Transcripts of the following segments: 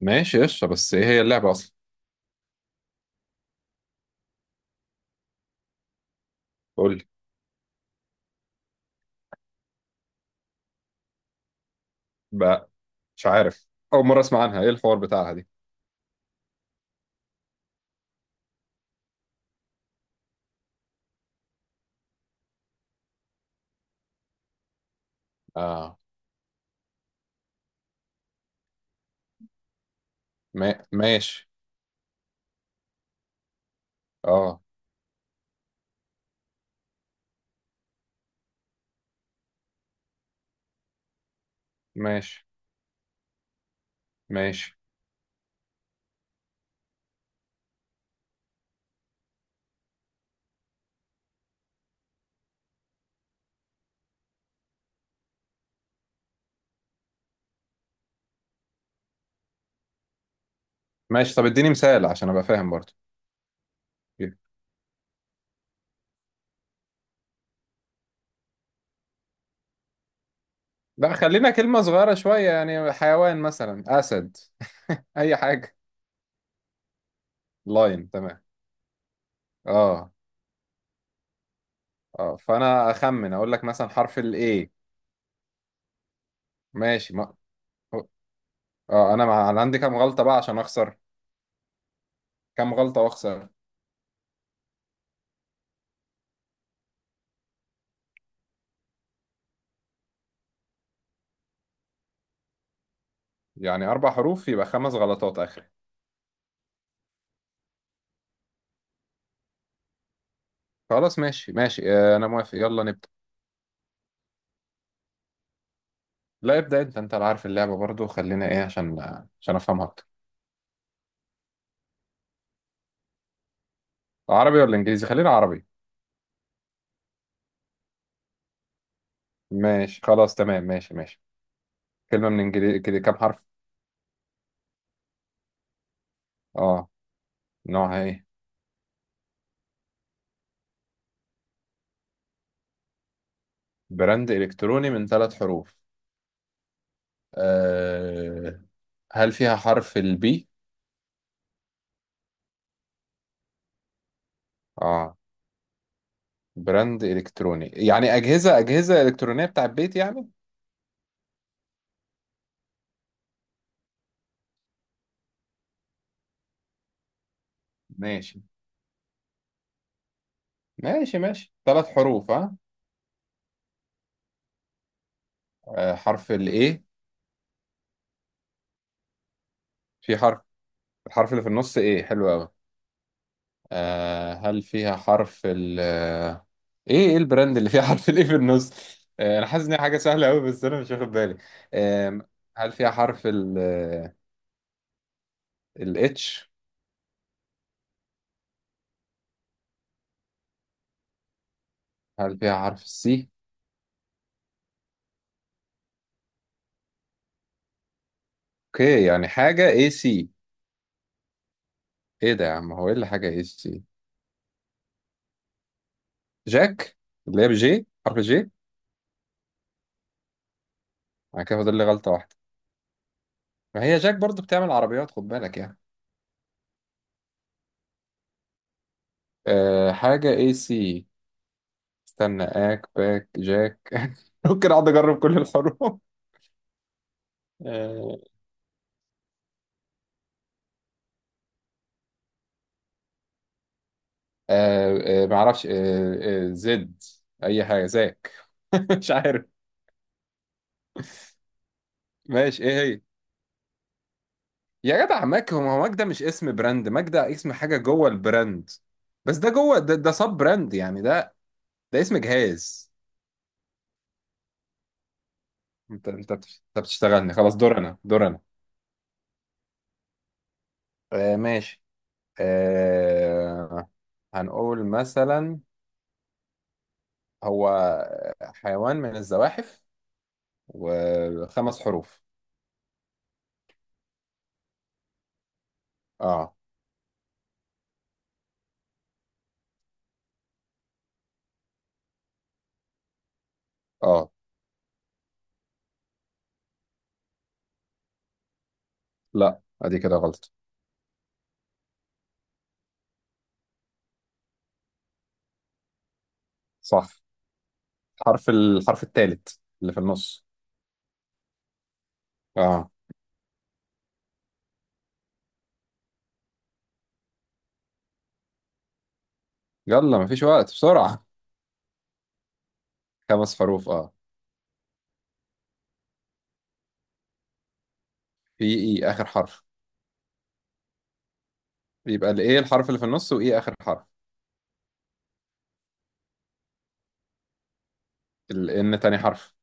ماشي قشطة، بس ايه هي اللعبة اصلا؟ قول لي. بقى مش عارف، اول مرة اسمع عنها. ايه الحوار بتاعها دي؟ اه. ما... ماشي. اه ماشي ماشي ماشي. طب اديني مثال عشان ابقى فاهم برضو. لا خلينا كلمة صغيرة شوية، يعني حيوان مثلا اسد. اي حاجة. لاين، تمام. اه اه، فانا اخمن اقول لك مثلا حرف الاي. ماشي. ما... اه انا عندي كام غلطة بقى عشان اخسر؟ كام غلطة واخسر؟ يعني اربع حروف يبقى خمس غلطات اخر. خلاص ماشي ماشي، انا موافق، يلا نبدأ. لا ابدأ انت، انت اللي عارف اللعبة برضو، خلينا ايه عشان افهمها اكتر. عربي ولا انجليزي؟ خلينا عربي. ماشي خلاص تمام ماشي ماشي. كلمة من انجليزي كده، كام حرف؟ اه. نوعها ايه؟ براند الكتروني من ثلاث حروف. أه... هل فيها حرف البي؟ اه. براند الكتروني يعني اجهزة اجهزة الكترونية بتاع البيت يعني. ماشي. ماشي ماشي، ثلاث حروف ها. حرف الايه. في الحرف اللي في النص ايه، حلو قوي. هل فيها حرف ال آه، ايه البراند اللي فيها حرف الايه في النص؟ انا حاسس ان هي حاجه سهله قوي بس انا مش واخد بالي. آه هل فيها حرف ال الاتش؟ هل فيها حرف السي؟ اوكي، يعني حاجه اي سي. ايه ده يا عم؟ هو ايه اللي حاجه اي سي؟ جاك، اللي هي بجي حرف جي. انا كده فاضل لي غلطه واحده. ما هي جاك برضو بتعمل عربيات، خد بالك يعني. حاجه اي سي. استنى، اك باك جاك ممكن اقعد اجرب كل الحروف. آه، معرفش. زد، اي حاجه زاك. مش عارف. ماشي، ايه هي؟ يا جدع ماك؟ هو هو ماك ده مش اسم براند، ماك ده اسم حاجه جوه البراند. بس ده جوه، ده ده سب براند يعني، ده ده اسم جهاز. انت انت بتشتغلني. خلاص دور انا دور انا. ماشي. آه، هنقول مثلا، هو حيوان من الزواحف وخمس حروف. اه. اه. لا ادي كده غلط. صح. الحرف الثالث، اللي في النص. اه. يلا مفيش وقت، بسرعة. خمس حروف اه. في ايه، اخر حرف. يبقى الايه الحرف اللي في النص وايه اخر حرف. الان تاني حرف.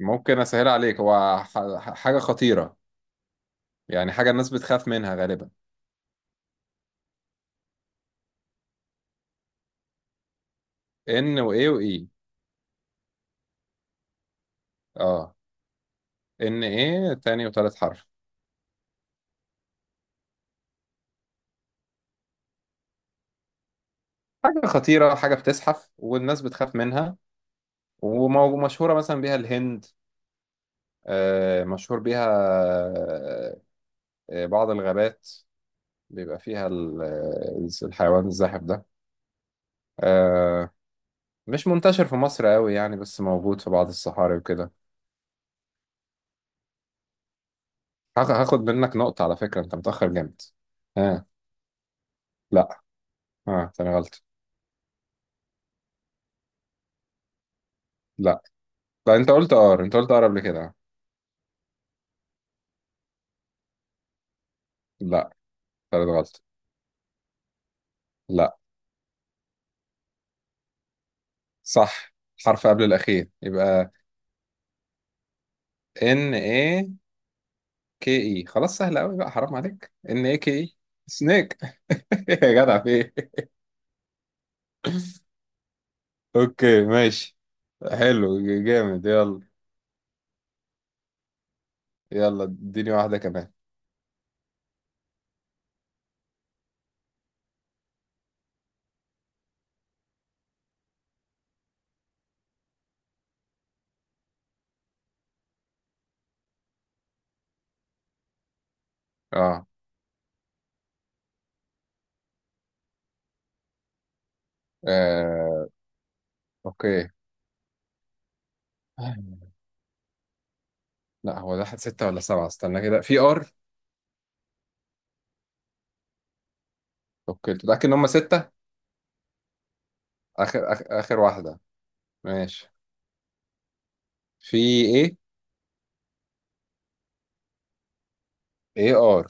ممكن اسهل عليك، هو حاجة خطيرة، يعني حاجة الناس بتخاف منها غالبا. ان وايه وايه. اه. ان ايه، تاني وتالت حرف. حاجة خطيرة، حاجة بتزحف والناس بتخاف منها، ومشهورة مثلا بيها الهند. آه، مشهور بيها آه، بعض الغابات بيبقى فيها الحيوان الزاحف ده. آه، مش منتشر في مصر قوي يعني، بس موجود في بعض الصحاري وكده. هاخد منك نقطة على فكرة، انت متأخر جامد. اه. لا. اه تاني غلط. لا. لا انت قلت ار، انت قلت ار قبل كده. لا. تالت غلط. لا. صح. حرف قبل الأخير يبقى ان اي. كي اي، خلاص سهل قوي بقى، حرام عليك، ان اي كي اي. سنيك. يا جدع في ايه؟ اوكي ماشي. حلو جامد يلا. يلا اديني واحدة كمان. اه. آه، اوكي. لا هو ده ستة ولا سبعة؟ استنى كده، في ار. اوكي، تتأكد ان هم ستة. آخر واحدة. ماشي. في ايه. اي ار.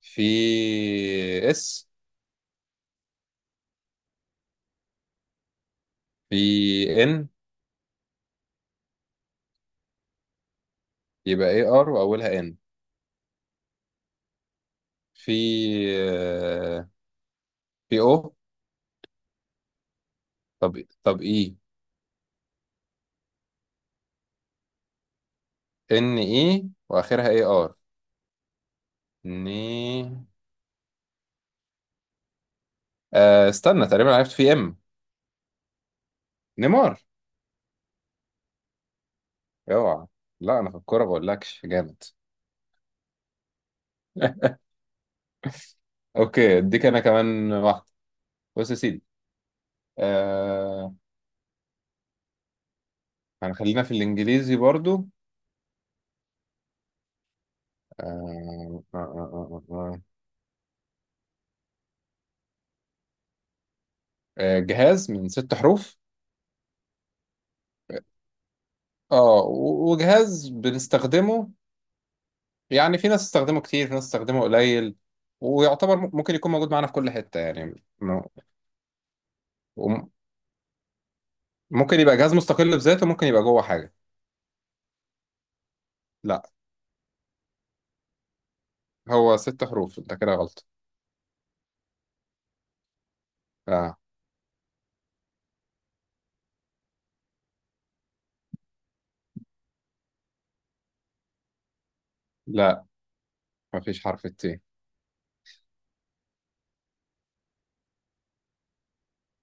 في اس. في ان. يبقى اي ار واولها ان. في آه، في او. طب طب اي. ان اي واخرها اي ار. ني آه، استنى تقريبا عرفت، في ام. نيمار. اوعى. لا انا في الكورة بقولكش جامد. اوكي اديك انا كمان واحده. بص يا سيدي، آه، هنخلينا في الانجليزي برضو. آه آه آه آه آه. آه، جهاز من ست حروف. اه، وجهاز بنستخدمه، يعني في ناس تستخدمه كتير في ناس تستخدمه قليل. ويعتبر ممكن يكون موجود معانا في كل حته يعني، وم- ممكن يبقى جهاز مستقل بذاته، ممكن يبقى جوه حاجه. لا. هو ست حروف، انت كده غلط. آه. لا. مفيش حرف الت.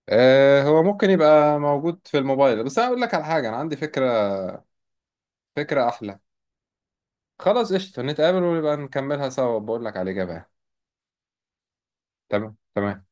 آه، هو ممكن يبقى موجود في الموبايل، بس انا اقول لك على حاجه، انا عندي فكره. فكره احلى، خلاص قشطه، نتقابل ونبقى نكملها سوا، بقول لك على الاجابه يعني. تمام تمام.